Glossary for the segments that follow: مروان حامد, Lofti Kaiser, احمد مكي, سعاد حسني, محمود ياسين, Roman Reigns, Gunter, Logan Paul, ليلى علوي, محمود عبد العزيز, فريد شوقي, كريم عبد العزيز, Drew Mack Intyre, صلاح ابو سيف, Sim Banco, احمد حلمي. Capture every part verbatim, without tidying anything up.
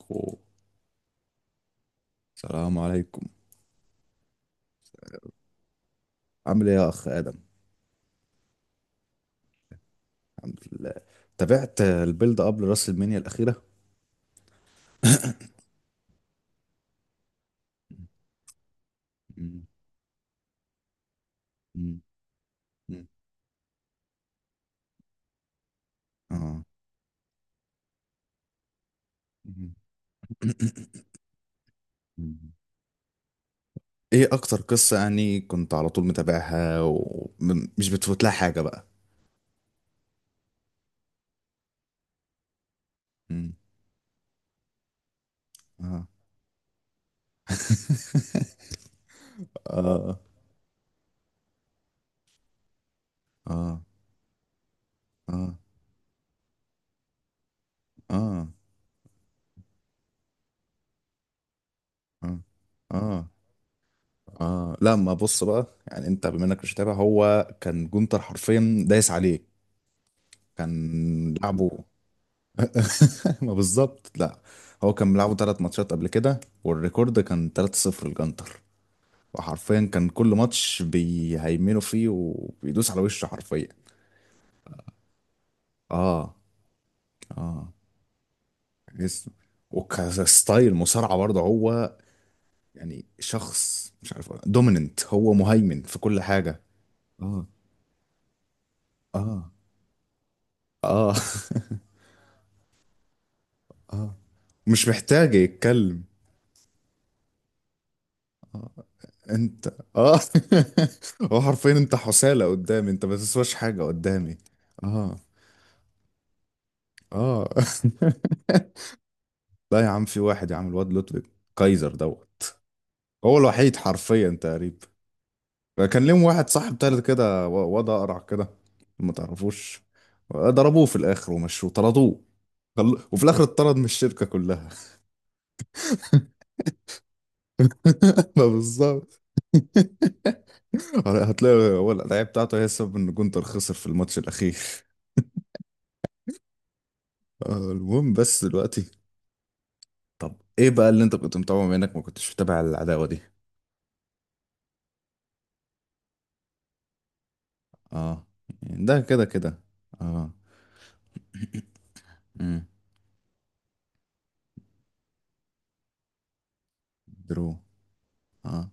أخو. السلام عليكم. عامل ايه يا اخ ادم؟ الحمد لله. تابعت البيلد اب لراس المنيا الاخيره؟ مم. مم. مم. اه. مم. مم. ايه اكتر قصه يعني كنت على طول متابعها ومش بتفوت لها حاجه بقى؟ مم. اه اه. اه. اه. اه. اه. اه. اه. لا ما بص بقى، يعني انت بما انك مش متابع، هو كان جونتر حرفيا دايس عليه. كان لعبه. ما بالظبط. لا هو كان بيلعبوا ثلاث ماتشات قبل كده، والريكورد كان ثلاثة صفر لجنتر. وحرفيا كان كل ماتش بيهيمنوا فيه وبيدوس على وشه حرفيا. اه. اه جسم. وكستايل مصارعة برضه هو، يعني شخص مش عارف، دوميننت، هو مهيمن في كل حاجة. اه. اه. اه. اه. مش محتاج يتكلم. انت. اه. هو حرفيا انت حسالة قدامي، انت ما تسواش حاجة قدامي. اه. اه. لا يا عم، في واحد يا عم، الواد لطفي، كايزر دوت. هو الوحيد حرفيا تقريبا. كان ليهم واحد صاحب تالت كده و- واد اقرع كده، ما تعرفوش. ضربوه في الاخر ومشوه، طردوه. خل- وفي الاخر اتطرد من الشركة كلها. ما بالظبط. هتلاقي هو الدعاية بتاعته هي السبب ان جونتر خسر في الماتش الاخير. آه، المهم بس دلوقتي، طب ايه بقى اللي انت كنت متابعه بما انك ما كنتش متابع العداوة دي؟ اه، يعني ده كده كده. اه. امم. درو. اه.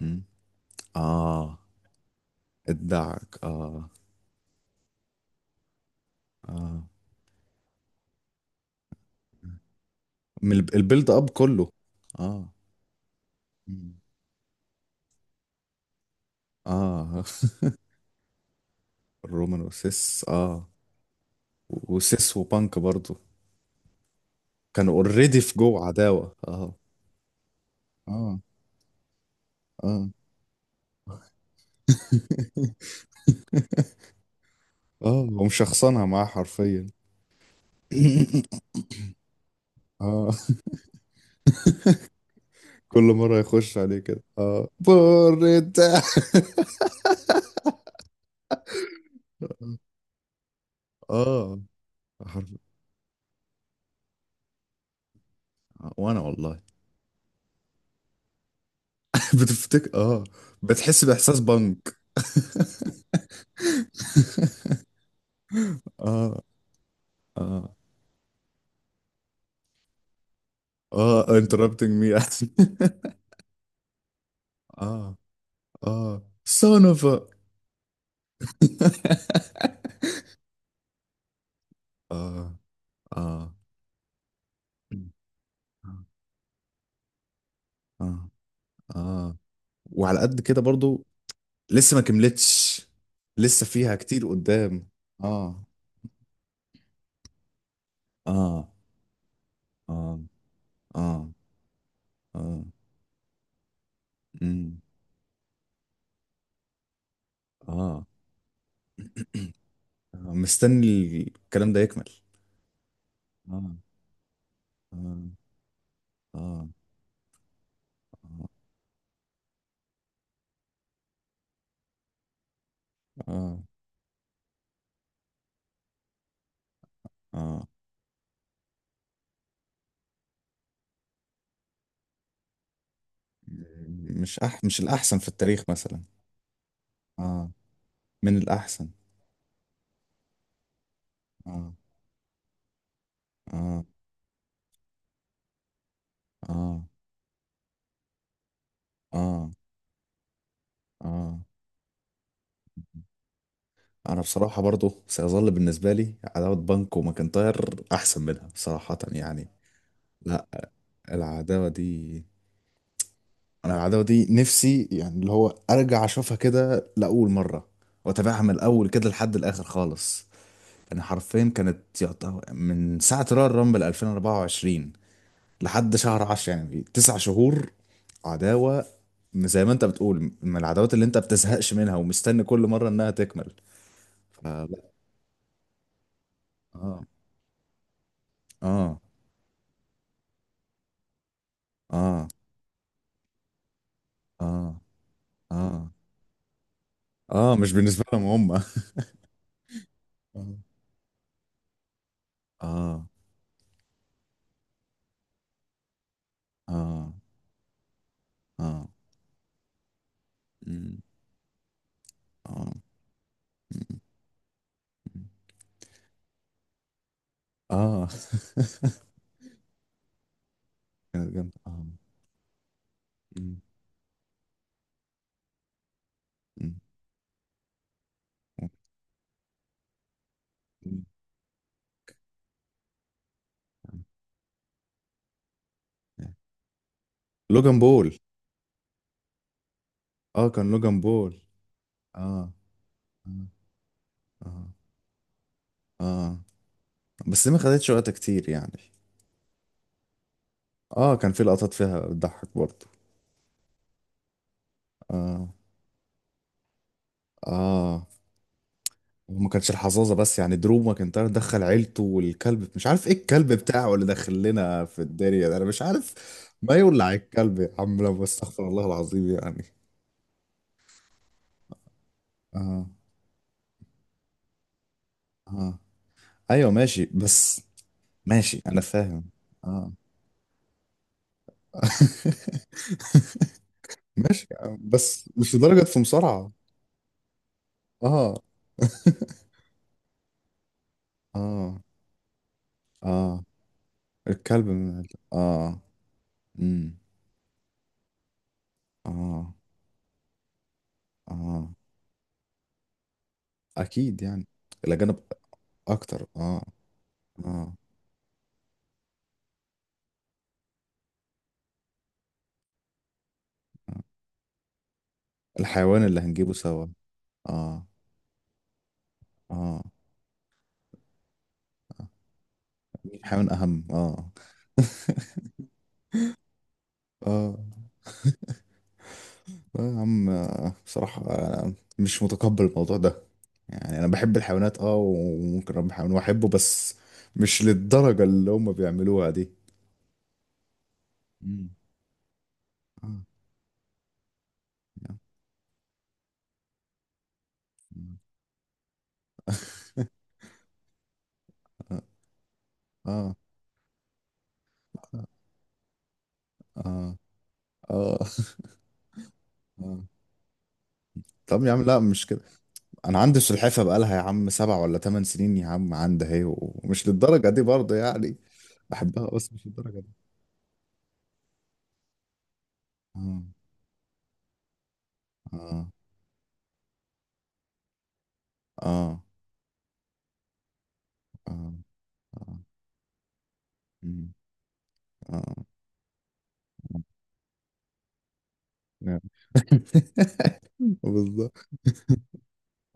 امم. اه. ادعك اه. اه. من الب- البيلد اب كله. اه. مم. اه. رومان وسيس، اه. و- وسيس وبانك برضو كانوا اوريدي في جوه عداوة، اه. اه. اه. اه ومشخصنها معاه حرفيا. اه. كل مرة يخش عليه كده اه، بوريتا. اه. حرف. وانا والله. بتفتكر اه، بتحس بإحساس بنك. اه. اه. اه. interrupting me. اه. اه. son of a. اه. اه. اه. اه. وعلى قد كده برضو لسه ما كملتش، لسه فيها كتير قدام. اه. اه. اه. اه. اه. مم. اه مستني الكلام ده يكمل. آه. آه. آه. آه. آه مش أح مش الأحسن في التاريخ مثلا. آه من الأحسن. آه. آه. آه. آه. آه. أنا بصراحة برضو سيظل بالنسبة لي عداوة بانكو وماكنتاير أحسن منها صراحة يعني. لا العداوة دي، أنا العداوة دي نفسي، يعني اللي هو أرجع أشوفها كده لأول مرة وأتابعها من الأول كده لحد الآخر خالص. يعني حرفيا كانت يعتبر من ساعة رويال رامبل ألفين وأربعة وعشرين لحد شهر عشرة، يعني تسع شهور عداوة. زي ما انت بتقول، من العداوات اللي انت بتزهقش منها ومستني كل مرة انها تكمل. فلا. اه. اه. اه. اه. اه. اه مش بالنسبة لهم، هم اه. اه. اه. اه. مم. اه. مم. اه. كانت جامدة اه. مم. مم. مم. لوجان بول. اه كان لوجان بول. اه. اه. اه. آه. بس ما خدتش وقت كتير يعني. اه كان في لقطات فيها بتضحك برضه. اه. اه. وما كانش الحظاظه بس، يعني دروب ماكنتاير دخل عيلته، والكلب مش عارف ايه، الكلب بتاعه اللي دخل لنا في الدنيا ده انا مش عارف. ما يولع الكلب يا عم لما، استغفر الله العظيم يعني. اه. اه. ايوه ماشي. بس ماشي انا فاهم. اه. ماشي يا عم، بس مش لدرجه في مصارعه. اه. اه. اه. الكلب من ال- اه. امم. اه. اه. اكيد يعني. الاجانب اكتر اه. اه. الحيوان اللي هنجيبه سوا. اه. اه. الحيوان اهم اه. اه. آه يا عم، آه، بصراحة أنا مش متقبل الموضوع ده. يعني أنا بحب الحيوانات اه، وممكن أربي حيوان وأحبه، بس مش للدرجة اللي هما بيعملوها دي. مم. اه. يا. مم. اه. اه. اه. آه. آه. طب يا عم لا مش كده، انا عندي سلحفه بقالها يا عم سبع ولا ثمان سنين يا عم، عندي اهي، ومش للدرجه دي برضه يعني. بحبها بس مش للدرجه دي. اه. اه. اه. اه. اه. مم. اه. نعم. بالظبط.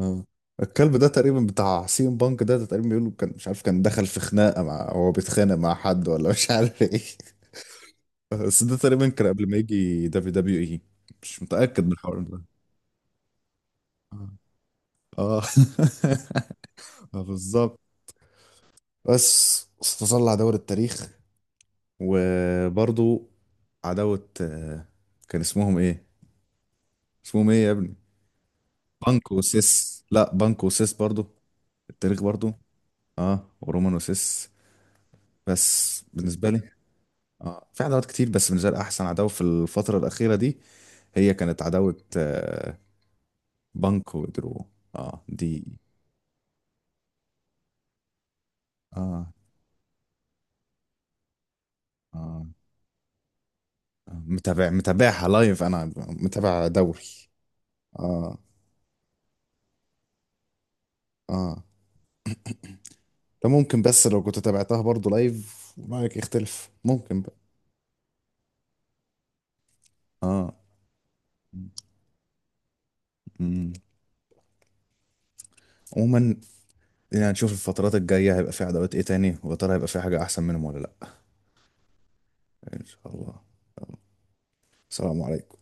اه. الكلب ده تقريبا بتاع سيم بانك ده، ده تقريبا بيقولوا كان مش عارف، كان دخل في خناقه مع، هو بيتخانق مع حد ولا مش عارف ايه، بس ده تقريبا كان قبل ما يجي دبليو دبليو اي، مش متاكد من الحوار ده. اه. آه. بالظبط. بس استظل عداوة التاريخ. وبرضو عداوة آه، كان اسمهم ايه؟ اسمهم ايه يا ابني؟ بانكو وسيس، لا بانكو وسيس برضو. التاريخ برضو. اه، ورومان وسيس. بس بالنسبة لي، اه، في عداوات كتير بس بالنسبة لي أحسن عداوة في الفترة الأخيرة دي هي كانت عداوة آه، بانكو ودرو. اه دي. اه. اه. آه، متابع، متابعها لايف، أنا متابع دوري. اه. اه. ده ممكن، بس لو كنت تابعتها برضه لايف رأيك يختلف ممكن بقى. اه. امم. عموما، يعني نشوف الفترات الجاية هيبقى في عداوات ايه تاني، ويا ترى هيبقى في حاجة احسن منهم ولا لا. ان شاء الله. السلام عليكم.